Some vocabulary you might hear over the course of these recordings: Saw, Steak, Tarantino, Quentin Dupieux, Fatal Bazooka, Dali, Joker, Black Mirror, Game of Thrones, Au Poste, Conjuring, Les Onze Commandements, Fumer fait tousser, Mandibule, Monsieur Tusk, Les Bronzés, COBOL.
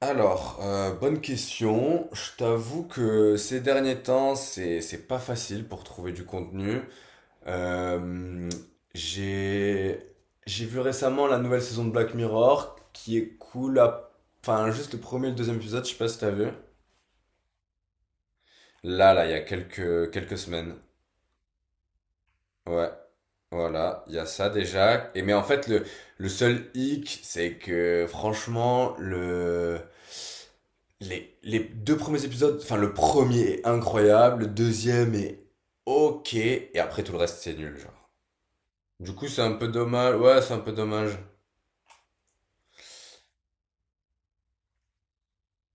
Alors, bonne question. Je t'avoue que ces derniers temps, c'est pas facile pour trouver du contenu. Euh, j'ai j'ai vu récemment la nouvelle saison de Black Mirror qui est cool. Enfin, juste le premier et le deuxième épisode, je sais pas si t'as vu. Là, il y a quelques semaines. Ouais, voilà, il y a ça déjà. Et mais en fait, le seul hic, c'est que franchement, les deux premiers épisodes, enfin le premier est incroyable, le deuxième est ok, et après tout le reste c'est nul, genre. Du coup, c'est un peu dommage, ouais, c'est un peu dommage.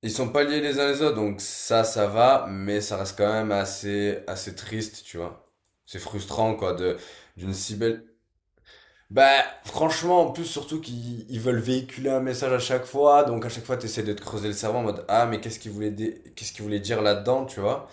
Ils sont pas liés les uns les autres, donc ça va, mais ça reste quand même assez, assez triste, tu vois. C'est frustrant, quoi, d'une si belle. Bah, franchement, en plus, surtout qu'ils veulent véhiculer un message à chaque fois, donc à chaque fois, t'essaies de te creuser le cerveau en mode Ah, mais qu'est-ce qu'il voulait, qu'est-ce qu'il voulait dire là-dedans, tu vois?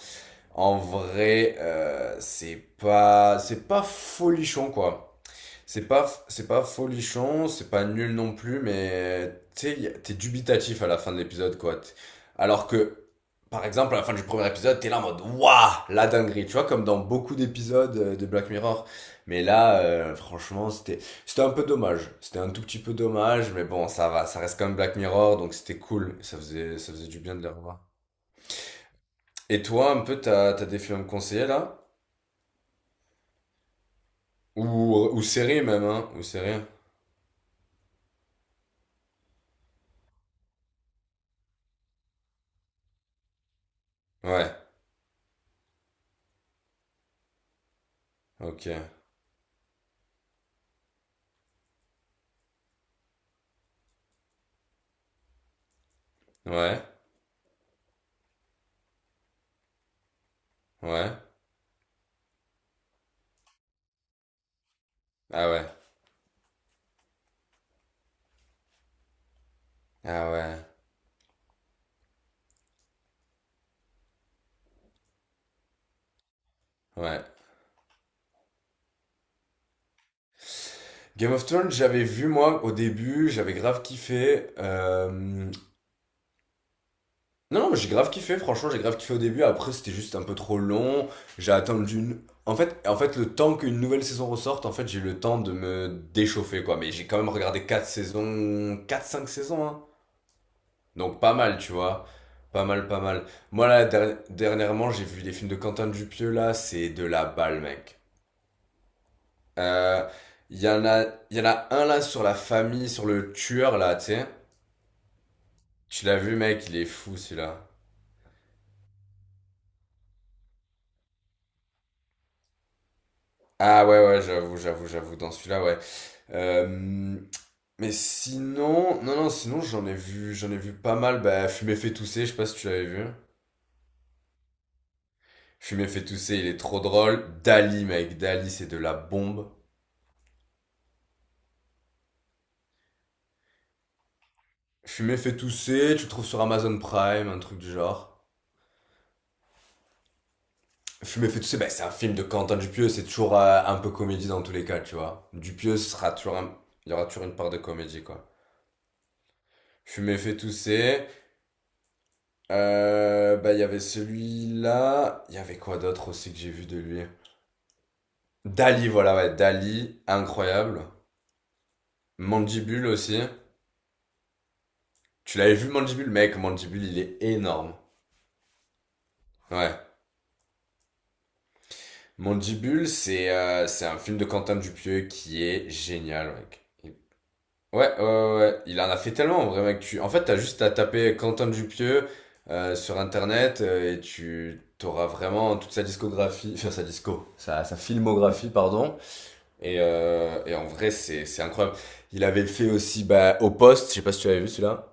En vrai, c'est pas folichon, quoi. C'est pas folichon, c'est pas nul non plus, mais t'es dubitatif à la fin de l'épisode, quoi. Alors que, par exemple, à la fin du premier épisode, t'es là en mode Waouh, la dinguerie, tu vois, comme dans beaucoup d'épisodes de Black Mirror. Mais là, franchement, c'était un peu dommage. C'était un tout petit peu dommage, mais bon, ça va, ça reste quand même Black Mirror, donc c'était cool. Ça faisait du bien de les revoir. Et toi, un peu, t'as des films à me conseiller là? Ou, ou séries même, hein? Ou séries? Ouais, ok. Ouais, ouais. Ah ouais. Ah ouais. Ouais. Game of Thrones, j'avais vu moi au début, j'avais grave kiffé. Non, non, mais j'ai grave kiffé, franchement, j'ai grave kiffé au début. Après, c'était juste un peu trop long. J'ai attendu une. En fait, le temps qu'une nouvelle saison ressorte, en fait, j'ai eu le temps de me déchauffer, quoi. Mais j'ai quand même regardé quatre saisons, quatre cinq saisons, hein. Donc pas mal, tu vois. Pas mal, pas mal. Moi, là, dernièrement, j'ai vu les films de Quentin Dupieux, là, c'est de la balle, mec. Euh, Il y en a, il y en a un là sur la famille, sur le tueur là, tu sais. Tu l'as vu, mec, il est fou celui-là. Ah ouais, ouais, j'avoue, j'avoue, j'avoue, dans celui-là, ouais. Euh, mais sinon, non, non, sinon j'en ai vu pas mal. Bah, Fumer fait tousser, je sais pas si tu l'avais vu. Fumer fait tousser, il est trop drôle. Dali, mec, Dali, c'est de la bombe. Fumer fait tousser, tu le trouves sur Amazon Prime, un truc du genre. Fumer fait tousser, ça, bah, c'est un film de Quentin Dupieux, c'est toujours un peu comédie dans tous les cas, tu vois. Dupieux sera toujours il y aura toujours une part de comédie, quoi. Fumer fait tousser. Bah, il y avait celui-là. Il y avait quoi d'autre aussi que j'ai vu de lui. Dali, voilà, ouais, Dali, incroyable. Mandibule aussi. Tu l'avais vu, Mandibule? Mec, Mandibule, il est énorme. Ouais. Mandibule, c'est un film de Quentin Dupieux qui est génial, mec. Ouais, ouais, ouais, ouais. Il en a fait tellement en vrai, mec. En fait, t'as juste à taper Quentin Dupieux sur internet et tu t'auras vraiment toute sa discographie, enfin sa disco, sa filmographie, pardon. Et en vrai, c'est incroyable. Il avait fait aussi bah, Au Poste, je sais pas si tu avais vu celui-là.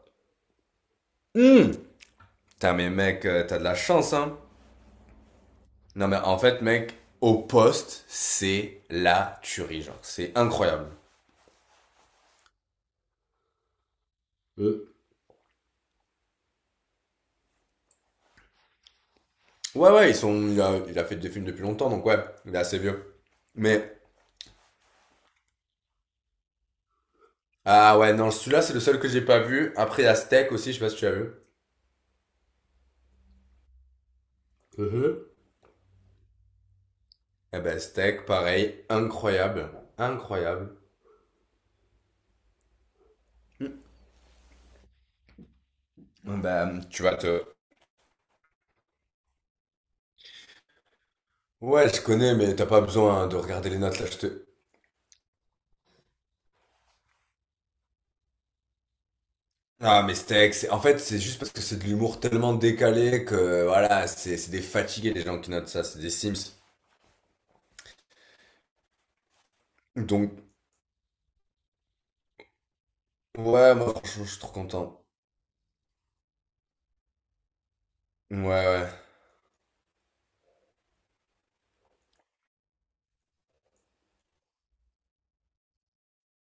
Hum. Putain, mais mec, t'as de la chance, hein. Non, mais en fait, mec, Au Poste, c'est la tuerie, genre. C'est incroyable. Euh, Ouais, ouais, il a fait des films depuis longtemps, donc ouais, il est assez vieux. Mais. Ah ouais, non, celui-là, c'est le seul que j'ai pas vu. Après, il y a Steak aussi, je sais pas si tu as vu. Mhm. Eh ben, Steak, pareil, incroyable. Incroyable. Ben, tu vas te... Ouais, je connais, mais t'as pas besoin de regarder les notes, là, je te... Ah, mais Steak, c'est... en fait, c'est juste parce que c'est de l'humour tellement décalé que, voilà, c'est des fatigués, les gens qui notent ça, c'est des Sims. Donc, ouais, moi, franchement, je suis trop content. Ouais, ouais.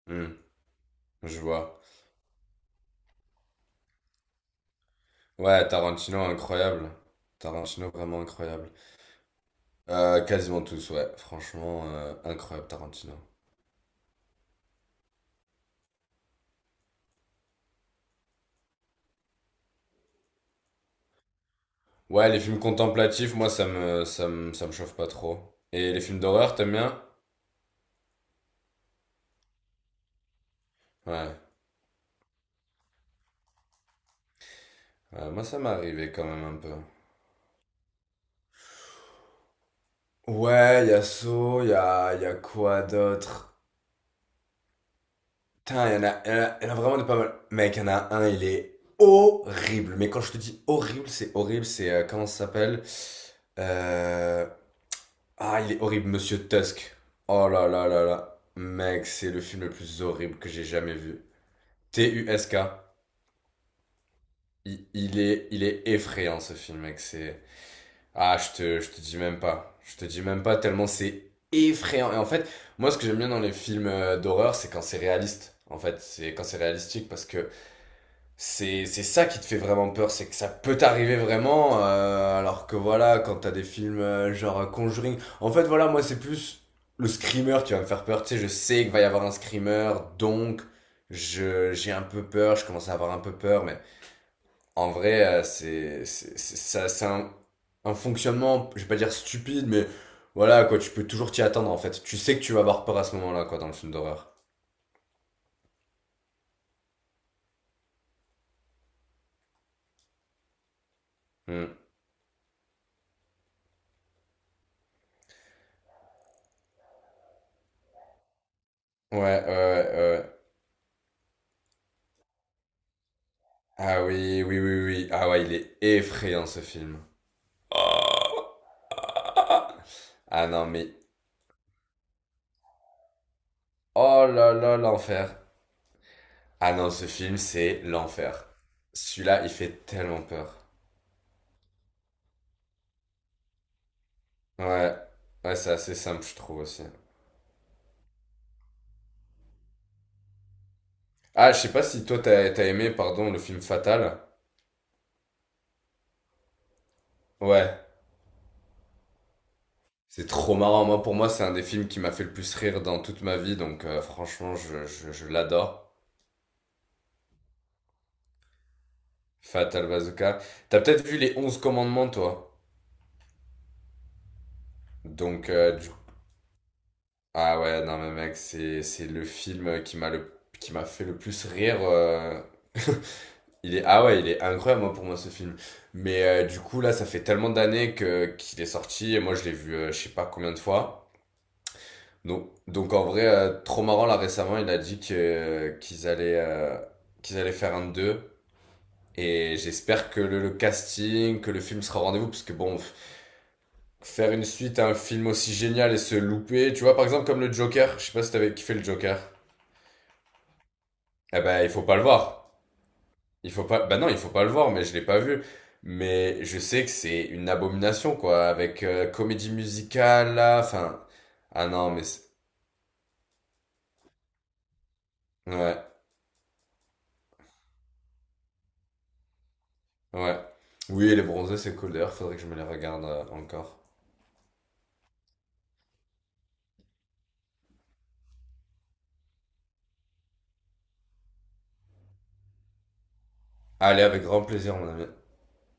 Hmm, je vois. Ouais, Tarantino, incroyable. Tarantino, vraiment incroyable. Quasiment tous, ouais. Franchement, incroyable Tarantino. Ouais, les films contemplatifs, moi, ça me chauffe pas trop. Et les films d'horreur, t'aimes bien? Ouais. Ouais, moi, ça m'est arrivé quand même un peu. Ouais, y a Saw, y a quoi d'autre? Putain, y en a, y en a, y en a vraiment des pas mal. Mec, y en a un, il est horrible. Mais quand je te dis horrible, c'est horrible, comment ça s'appelle? Euh, Ah, il est horrible, Monsieur Tusk. Oh là là là là. Mec, c'est le film le plus horrible que j'ai jamais vu. Tusk. Il est effrayant ce film, mec. C'est. Ah, je te dis même pas. Je te dis même pas tellement c'est effrayant. Et en fait, moi, ce que j'aime bien dans les films d'horreur, c'est quand c'est réaliste. En fait, c'est quand c'est réalistique parce que. C'est ça qui te fait vraiment peur, c'est que ça peut t'arriver vraiment, alors que voilà, quand t'as des films genre Conjuring. En fait, voilà, moi, c'est plus le screamer qui va me faire peur. Tu sais, je sais qu'il va y avoir un screamer, donc je j'ai un peu peur, je commence à avoir un peu peur, mais en vrai, ça, c'est un, fonctionnement, je vais pas dire stupide, mais voilà, quoi, tu peux toujours t'y attendre en fait. Tu sais que tu vas avoir peur à ce moment-là, quoi, dans le film d'horreur. Hmm. Ouais, ouais, ouais. Ouais. Ah oui, oui, oui, oui. Ah ouais, il est effrayant ce film. Ah non, mais oh là là, l'enfer. Ah non, ce film, c'est l'enfer. Celui-là, il fait tellement peur. Ouais, ouais, c'est assez simple, je trouve aussi. Ah, je sais pas si toi, t'as aimé, pardon, le film Fatal. Ouais, c'est trop marrant. Moi, pour moi, c'est un des films qui m'a fait le plus rire dans toute ma vie, donc franchement, je l'adore. Fatal Bazooka. T'as peut-être vu les onze commandements, toi. Donc, du. Ah ouais, non mais mec, c'est le film qui m'a fait le plus rire. Il est Ah ouais, il est incroyable moi, pour moi ce film. Mais du coup là, ça fait tellement d'années que qu'il est sorti et moi je l'ai vu je sais pas combien de fois. Donc en vrai trop marrant là récemment, il a dit que qu'ils allaient faire un 2 et j'espère que le casting, que le film sera au rendez-vous parce que bon faire une suite à un film aussi génial et se louper, tu vois par exemple comme le Joker, je sais pas si t'avais kiffé le Joker. Eh ben, il faut pas le voir. Il faut pas. Bah non, il faut pas le voir, mais je l'ai pas vu. Mais je sais que c'est une abomination, quoi, avec comédie musicale, là. Enfin, ah non, mais c'est- ouais, ouais. Oui, les bronzés, c'est cool. D'ailleurs, faudrait que je me les regarde encore. Allez, avec grand plaisir, mon ami.